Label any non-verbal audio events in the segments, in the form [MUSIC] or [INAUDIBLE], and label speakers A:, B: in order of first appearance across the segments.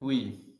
A: Oui.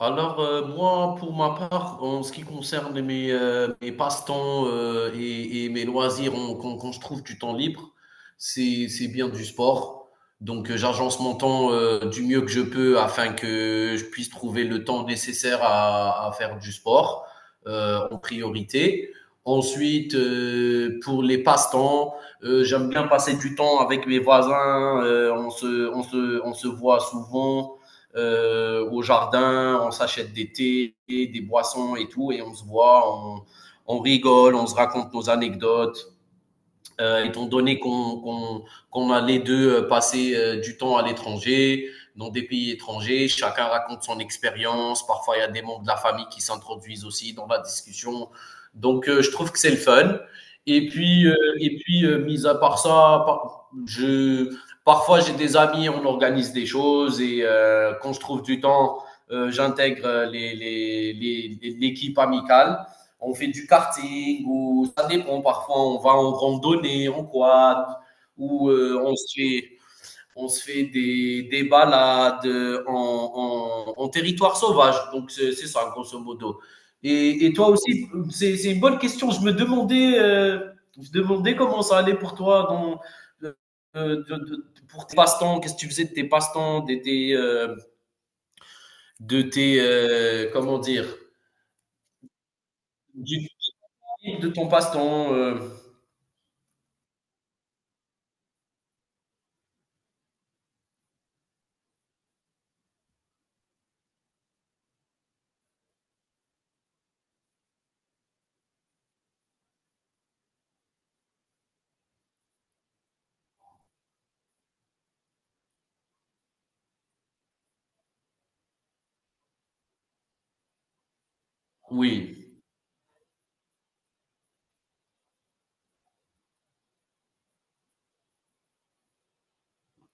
A: Alors, moi, pour ma part, en ce qui concerne mes passe-temps et mes loisirs, quand je trouve du temps libre, c'est bien du sport. Donc, j'agence mon temps du mieux que je peux afin que je puisse trouver le temps nécessaire à faire du sport en priorité. Ensuite, pour les passe-temps, j'aime bien passer du temps avec mes voisins. On se voit souvent au jardin, on s'achète des thés, des boissons et tout, et on se voit, on rigole, on se raconte nos anecdotes. Étant donné qu'on a les deux passé du temps à l'étranger, dans des pays étrangers, chacun raconte son expérience. Parfois, il y a des membres de la famille qui s'introduisent aussi dans la discussion. Donc, je trouve que c'est le fun. Et puis, euh, et puis, mis à part ça, parfois j'ai des amis, on organise des choses et quand je trouve du temps, j'intègre l'équipe amicale on fait du karting, ou ça dépend, parfois on va en randonnée, en quad, ou on se fait des balades en territoire sauvage. Donc c'est ça, grosso modo. Et toi aussi, c'est une bonne question. Je me demandais comment ça allait pour toi dans pour tes passe-temps. Qu'est-ce que tu faisais de tes passe-temps, de tes comment dire, du de ton passe-temps. Oui.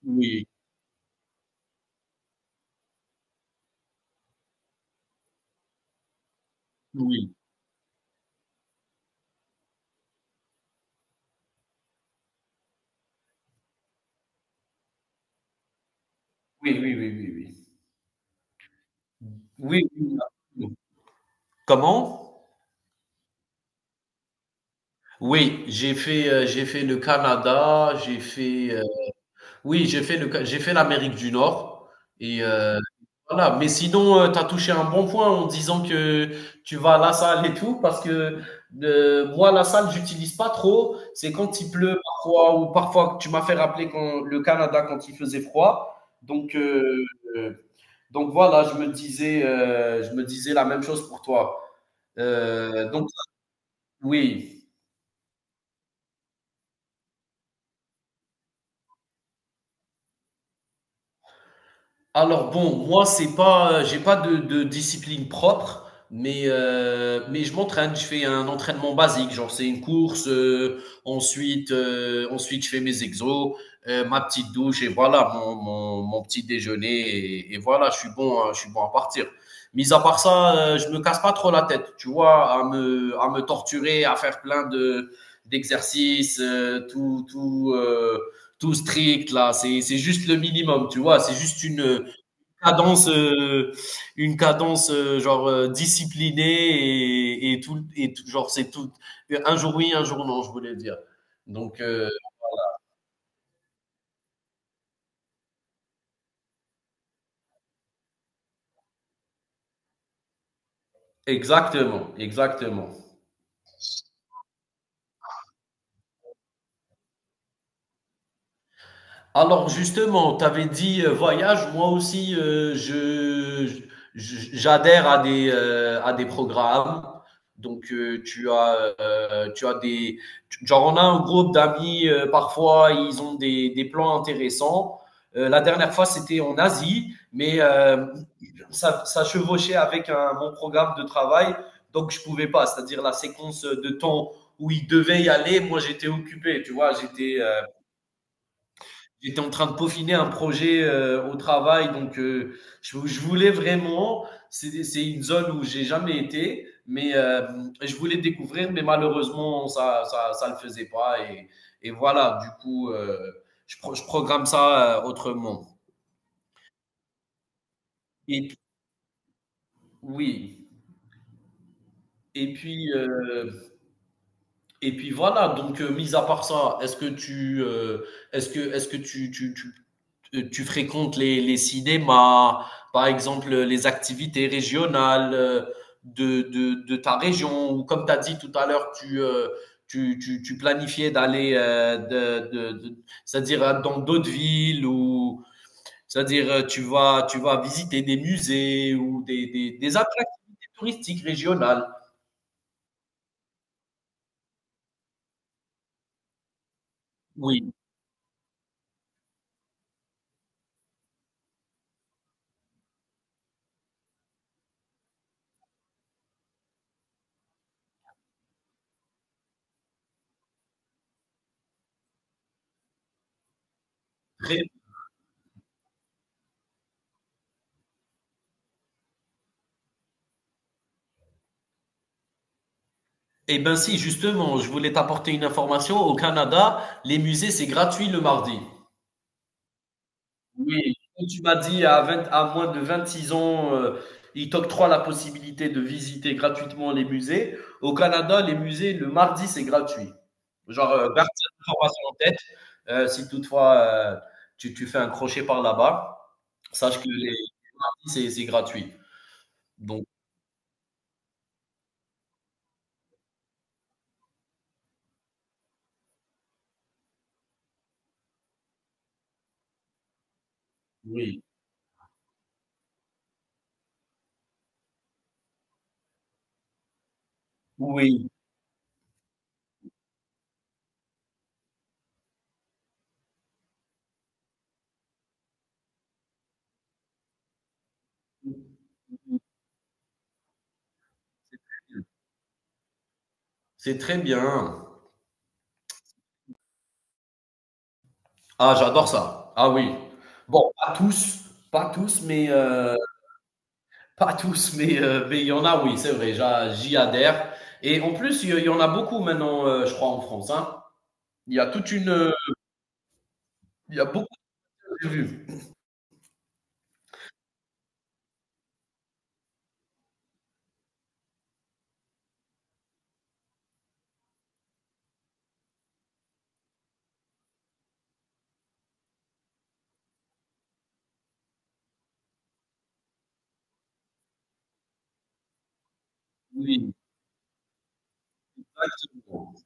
A: Oui, oui, oui, oui, oui, oui, oui. Oui, oui, absolument. Comment? Oui, j'ai fait le Canada, oui, j'ai fait l'Amérique du Nord et voilà. Mais sinon, tu as touché un bon point en disant que tu vas à la salle et tout parce que, moi, la salle, j'utilise pas trop. C'est quand il pleut parfois ou parfois tu m'as fait rappeler quand le Canada, quand il faisait froid. Donc heu Donc voilà, je me disais la même chose pour toi. Donc oui, alors bon, moi c'est pas, j'ai pas de discipline propre, mais je m'entraîne. Je fais un entraînement basique, genre c'est une course, ensuite je fais mes exos, ma petite douche et voilà mon petit déjeuner et voilà, je suis bon à partir. Mis à part ça, je me casse pas trop la tête, tu vois? À me torturer, à faire plein de d'exercices, tout strict là, c'est juste le minimum, tu vois? C'est juste cadence, euh, une cadence genre disciplinée et tout, genre c'est tout. Un jour oui, un jour non, je voulais dire. Donc euh, exactement, exactement. Alors justement, tu avais dit voyage, moi aussi j'adhère à des programmes. Donc tu as des genre on a un groupe d'amis parfois ils ont des plans intéressants. La dernière fois c'était en Asie, mais ça chevauchait avec un mon programme de travail, donc je pouvais pas, c'est-à-dire la séquence de temps où ils devaient y aller, moi j'étais occupé, tu vois, j'étais en train de peaufiner un projet au travail, donc je voulais vraiment, c'est une zone où j'ai jamais été, mais je voulais découvrir, mais malheureusement, ça le faisait pas. Et voilà, du coup, je programme ça autrement. Et puis- oui, et puis euh, Et puis voilà, donc mis à part ça, est-ce que tu est-ce que tu fréquentes les cinémas, par exemple les activités régionales de ta région, ou comme tu as dit tout à l'heure, tu planifiais d'aller c'est-à-dire dans d'autres villes, ou c'est-à-dire tu vas visiter des musées ou des attractivités touristiques régionales. Oui, eh ben si, justement, je voulais t'apporter une information. Au Canada, les musées, c'est gratuit le mardi. Oui, comme tu m'as dit 20 à moins de 26 ans, ils t'octroient la possibilité de visiter gratuitement les musées. Au Canada, les musées, le mardi, c'est gratuit. Genre, garde cette information en tête. Si toutefois tu fais un crochet par là-bas, sache que les mardis, c'est gratuit. Donc, oui, oui, c'est très bien. Ah, j'adore ça. Ah oui. Bon, pas tous, pas tous, mais [LAUGHS] pas tous, mais il y en a, oui, c'est vrai, j'y adhère. Et en plus, il y en a beaucoup maintenant, je crois, en France, hein. Il y a toute une, il y a beaucoup de vues. Oui, exactement.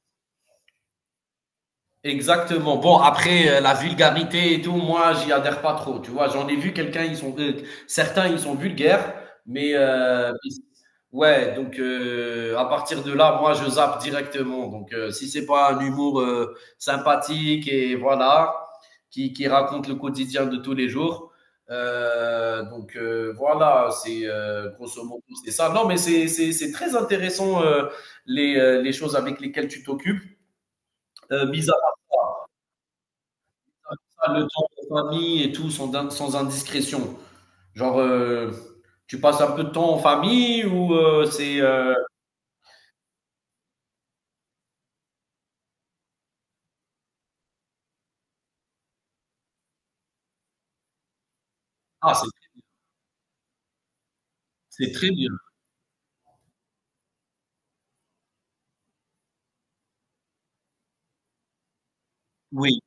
A: Exactement. Bon, après, la vulgarité et tout, moi, j'y adhère pas trop. Tu vois, j'en ai vu quelqu'un, certains, ils sont vulgaires, mais ouais, donc à partir de là, moi, je zappe directement. Donc, si c'est pas un humour sympathique et voilà, qui raconte le quotidien de tous les jours, donc voilà, c'est grosso modo, c'est ça. Non, mais c'est très intéressant les choses avec lesquelles tu t'occupes. Mis ça, le temps en famille et tout, sans indiscrétion. Genre, tu passes un peu de temps en famille ou c'est. Ah, c'est très bien. Oui,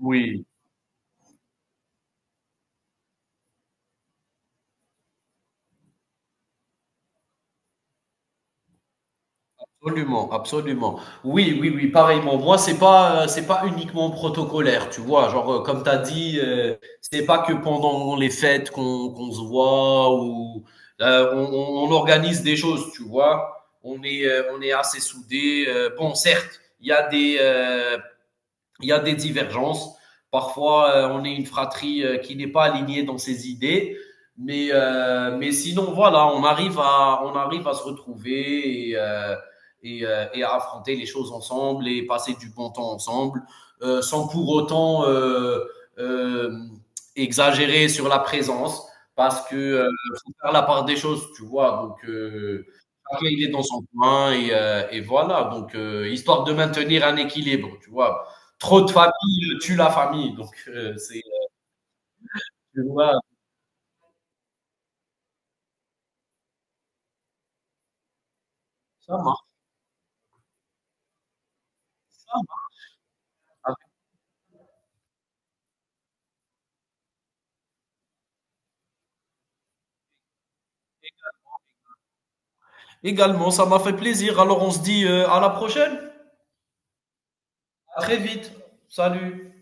A: oui, absolument, absolument. Oui, oui, oui, pareillement. Moi, c'est pas uniquement protocolaire, tu vois. Genre, comme tu as dit, c'est pas que pendant les fêtes qu'on se voit ou on organise des choses, tu vois. On est assez soudés. Bon, certes, il y a il y a des divergences. Parfois, on est une fratrie qui n'est pas alignée dans ses idées. Mais sinon, voilà, on arrive à se retrouver et à affronter les choses ensemble et passer du bon temps ensemble, sans pour autant euh, exagérer sur la présence, parce que faut faire la part des choses, tu vois. Donc, chacun, il est dans son coin et voilà. Donc, histoire de maintenir un équilibre, tu vois. Trop de famille tue la famille. Donc, c'est. Tu vois, ça marche, ça marche. Également, ça m'a fait plaisir. Alors, on se dit à la prochaine. À très vite. Salut.